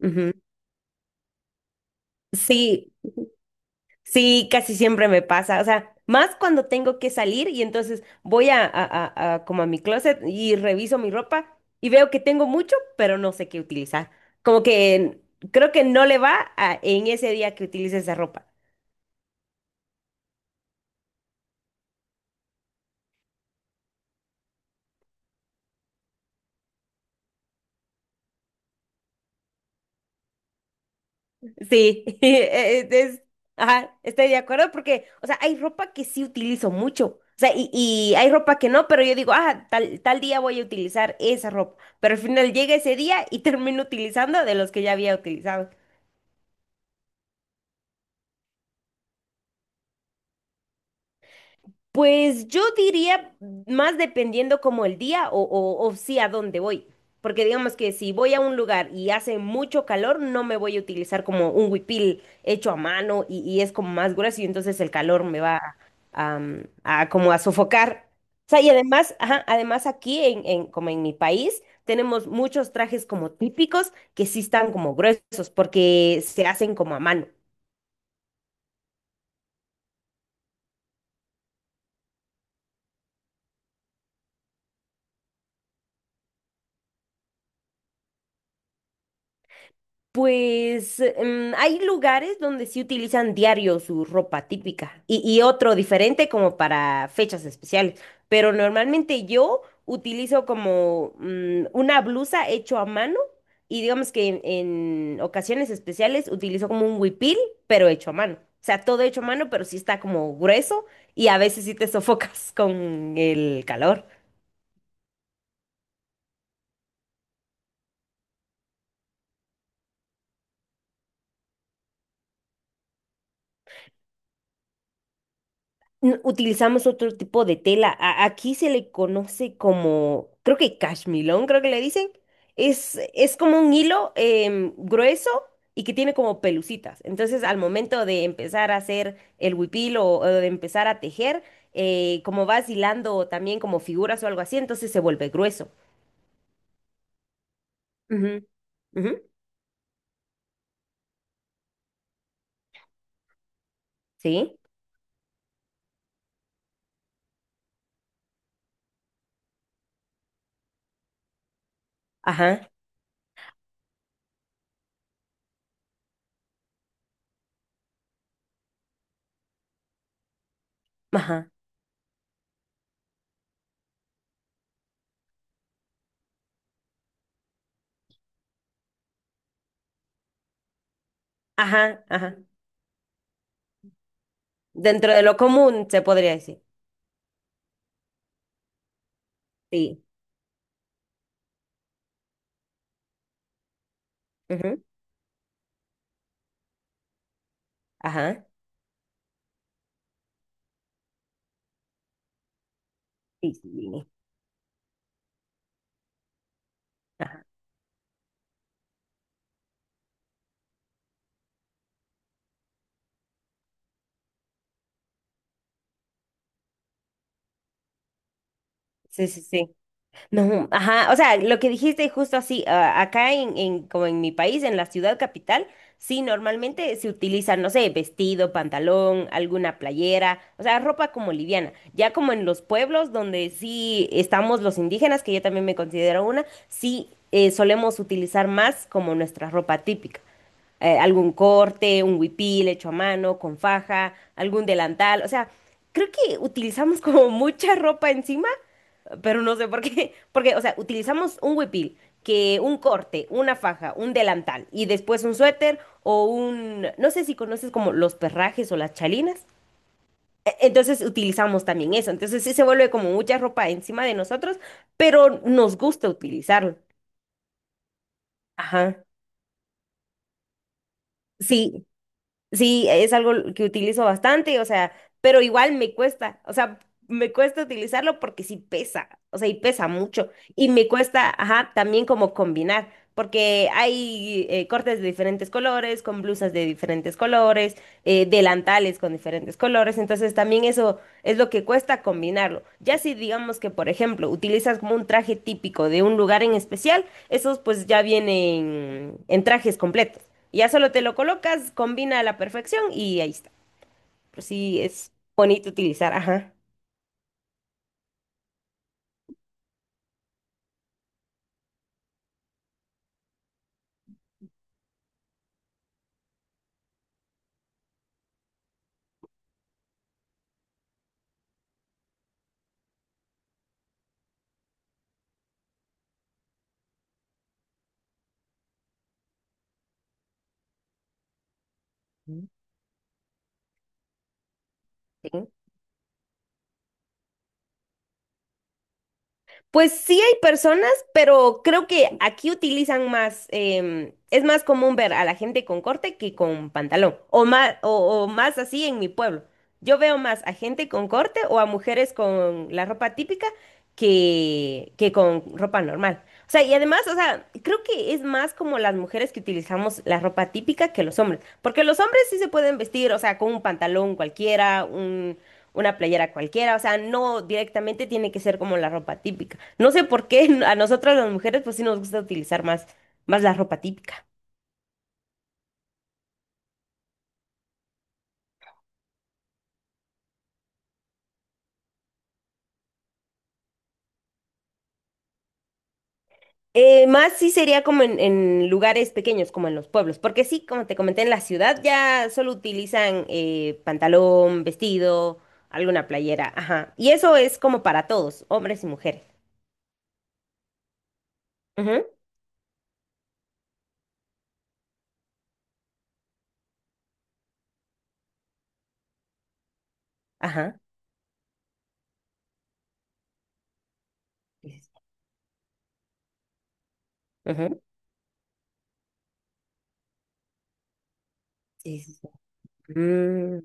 Ujú. Sí, Sí, casi siempre me pasa, o sea, más cuando tengo que salir y entonces voy a como a mi closet y reviso mi ropa y veo que tengo mucho, pero no sé qué utilizar. Como que creo que no le va a- en ese día que utilice esa ropa. Sí, ajá, estoy de acuerdo porque, o sea, hay ropa que sí utilizo mucho, o sea, y hay ropa que no, pero yo digo, ah, tal día voy a utilizar esa ropa, pero al final llega ese día y termino utilizando de los que ya había utilizado. Pues yo diría más dependiendo como el día o sí a dónde voy. Porque digamos que si voy a un lugar y hace mucho calor, no me voy a utilizar como un huipil hecho a mano y es como más grueso y entonces el calor me va a como a sofocar. O sea, y además, ajá, además aquí como en mi país tenemos muchos trajes como típicos que sí están como gruesos porque se hacen como a mano. Pues hay lugares donde sí utilizan diario su ropa típica y otro diferente como para fechas especiales, pero normalmente yo utilizo como una blusa hecho a mano y digamos que en ocasiones especiales utilizo como un huipil, pero hecho a mano. O sea, todo hecho a mano, pero sí está como grueso y a veces sí te sofocas con el calor. Utilizamos otro tipo de tela. Aquí se le conoce como, creo que cashmilón, creo que le dicen. Es como un hilo grueso y que tiene como pelucitas. Entonces, al momento de empezar a hacer el huipil o de empezar a tejer, como vas hilando también como figuras o algo así, entonces se vuelve grueso. Ujú, ujú. Sí. Ajá. Ajá. Ajá. Ajá. Dentro de lo común, se podría decir. Sí. Ujú. Ajá. Sí, sí. Sí, sí, sí. No, ajá, o sea, lo que dijiste justo así, ah, acá como en mi país, en la ciudad capital, sí, normalmente se utiliza, no sé, vestido, pantalón, alguna playera, o sea, ropa como liviana. Ya como en los pueblos donde sí estamos los indígenas, que yo también me considero una, sí solemos utilizar más como nuestra ropa típica algún corte, un huipil hecho a mano, con faja, algún delantal, o sea, creo que utilizamos como mucha ropa encima pero no sé por qué, porque, o sea, utilizamos un huipil, que un corte, una faja, un delantal y después un suéter o un, no sé si conoces como los perrajes o las chalinas. Entonces utilizamos también eso. Entonces sí se vuelve como mucha ropa encima de nosotros, pero nos gusta utilizarlo. Ajá. Sí, sí, es algo que utilizo bastante, o sea, pero igual me cuesta, o sea, me cuesta utilizarlo porque sí pesa, o sea, y pesa mucho. Y me cuesta, ajá, también como combinar. Porque hay cortes de diferentes colores, con blusas de diferentes colores, delantales con diferentes colores, entonces también eso es lo que cuesta combinarlo. Ya si digamos que, por ejemplo, utilizas como un traje típico de un lugar en especial, esos pues ya vienen en trajes completos. Ya solo te lo colocas, combina a la perfección y ahí está. Pero sí es bonito utilizar, ajá. Mm. Sí. Pues sí hay personas, pero creo que aquí utilizan más, es más común ver a la gente con corte que con pantalón, o más, o más así en mi pueblo. Yo veo más a gente con corte o a mujeres con la ropa típica que con ropa normal. O sea, y además, o sea, creo que es más como las mujeres que utilizamos la ropa típica que los hombres, porque los hombres sí se pueden vestir, o sea, con un pantalón cualquiera, una playera cualquiera, o sea, no directamente tiene que ser como la ropa típica. No sé por qué a nosotras las mujeres pues sí nos gusta utilizar más, más la ropa típica. Más sí sería como en lugares pequeños, como en los pueblos, porque sí, como te comenté, en la ciudad ya solo utilizan pantalón, vestido, alguna playera, ajá. Y eso es como para todos, hombres y mujeres. Ujú. Ajá. Sí, sí, sí. Ujú. Sí, sí, sí. Mm,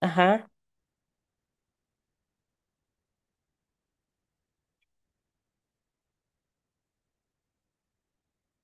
ajá.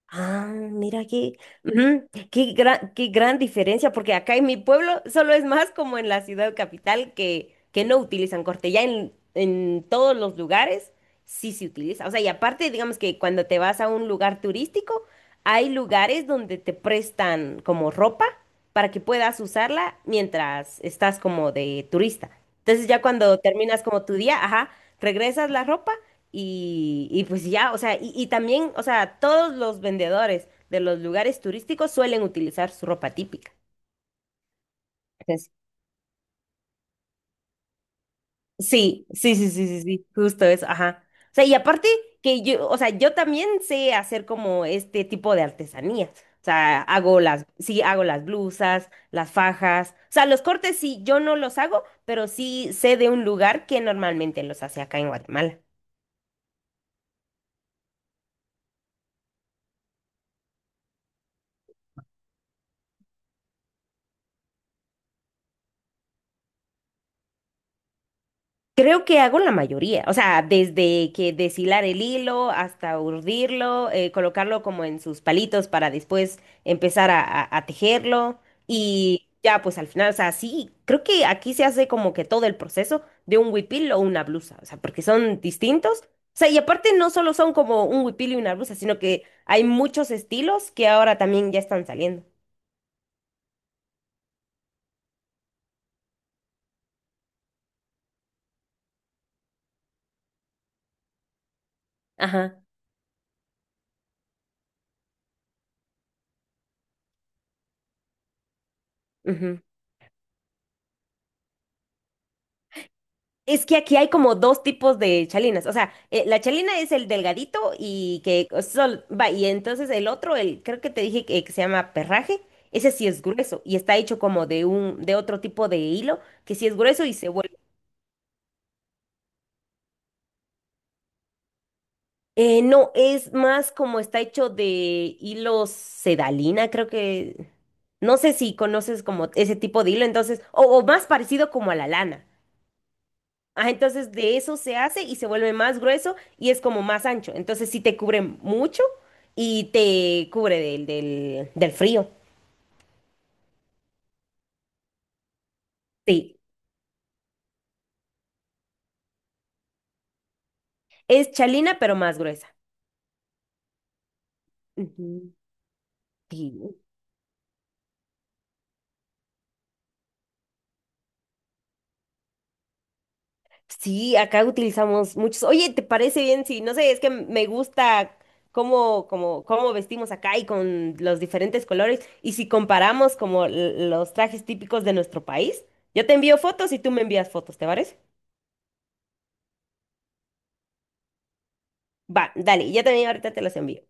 Ah, mira qué, ujú, qué gran diferencia, porque acá en mi pueblo solo es más como en la ciudad capital que no utilizan corte. Ya en todos los lugares sí se utiliza. O sea, y aparte, digamos que cuando te vas a un lugar turístico, hay lugares donde te prestan como ropa para que puedas usarla mientras estás como de turista. Entonces ya cuando terminas como tu día, ajá, regresas la ropa y pues ya, o sea, y también, o sea, todos los vendedores de los lugares turísticos suelen utilizar su ropa típica. Entonces, sí, sí, sí, sí, sí, sí, justo eso, ajá. O sea, y aparte que yo, o sea, yo también sé hacer como este tipo de artesanías. O sea, sí, hago las blusas, las fajas. O sea, los cortes sí, yo no los hago, pero sí sé de un lugar que normalmente los hace acá en Guatemala. Creo que hago la mayoría, o sea, desde que deshilar el hilo hasta urdirlo, colocarlo como en sus palitos para después empezar a tejerlo y ya pues al final, o sea, sí, creo que aquí se hace como que todo el proceso de un huipil o una blusa, o sea, porque son distintos, o sea, y aparte no solo son como un huipil y una blusa, sino que hay muchos estilos que ahora también ya están saliendo. Ajá. Es que aquí hay como dos tipos de chalinas. O sea, la chalina es el delgadito y que sol, va, y entonces el otro, el, creo que te dije que se llama perraje, ese sí es grueso y está hecho como de un, de otro tipo de hilo, que sí es grueso y se vuelve. No, es más como está hecho de hilo sedalina, creo que. No sé si conoces como ese tipo de hilo, entonces, o más parecido como a la lana. Ah, entonces de eso se hace y se vuelve más grueso y es como más ancho. Entonces sí te cubre mucho y te cubre del frío. Sí, es chalina pero más gruesa. Ujú. Sí. Sí, acá utilizamos muchos. Oye, ¿te parece bien? Sí, no sé, es que me gusta cómo vestimos acá y con los diferentes colores. Y si comparamos como los trajes típicos de nuestro país, yo te envío fotos y tú me envías fotos, ¿te parece? Va, dale, ya también ahorita te los envío.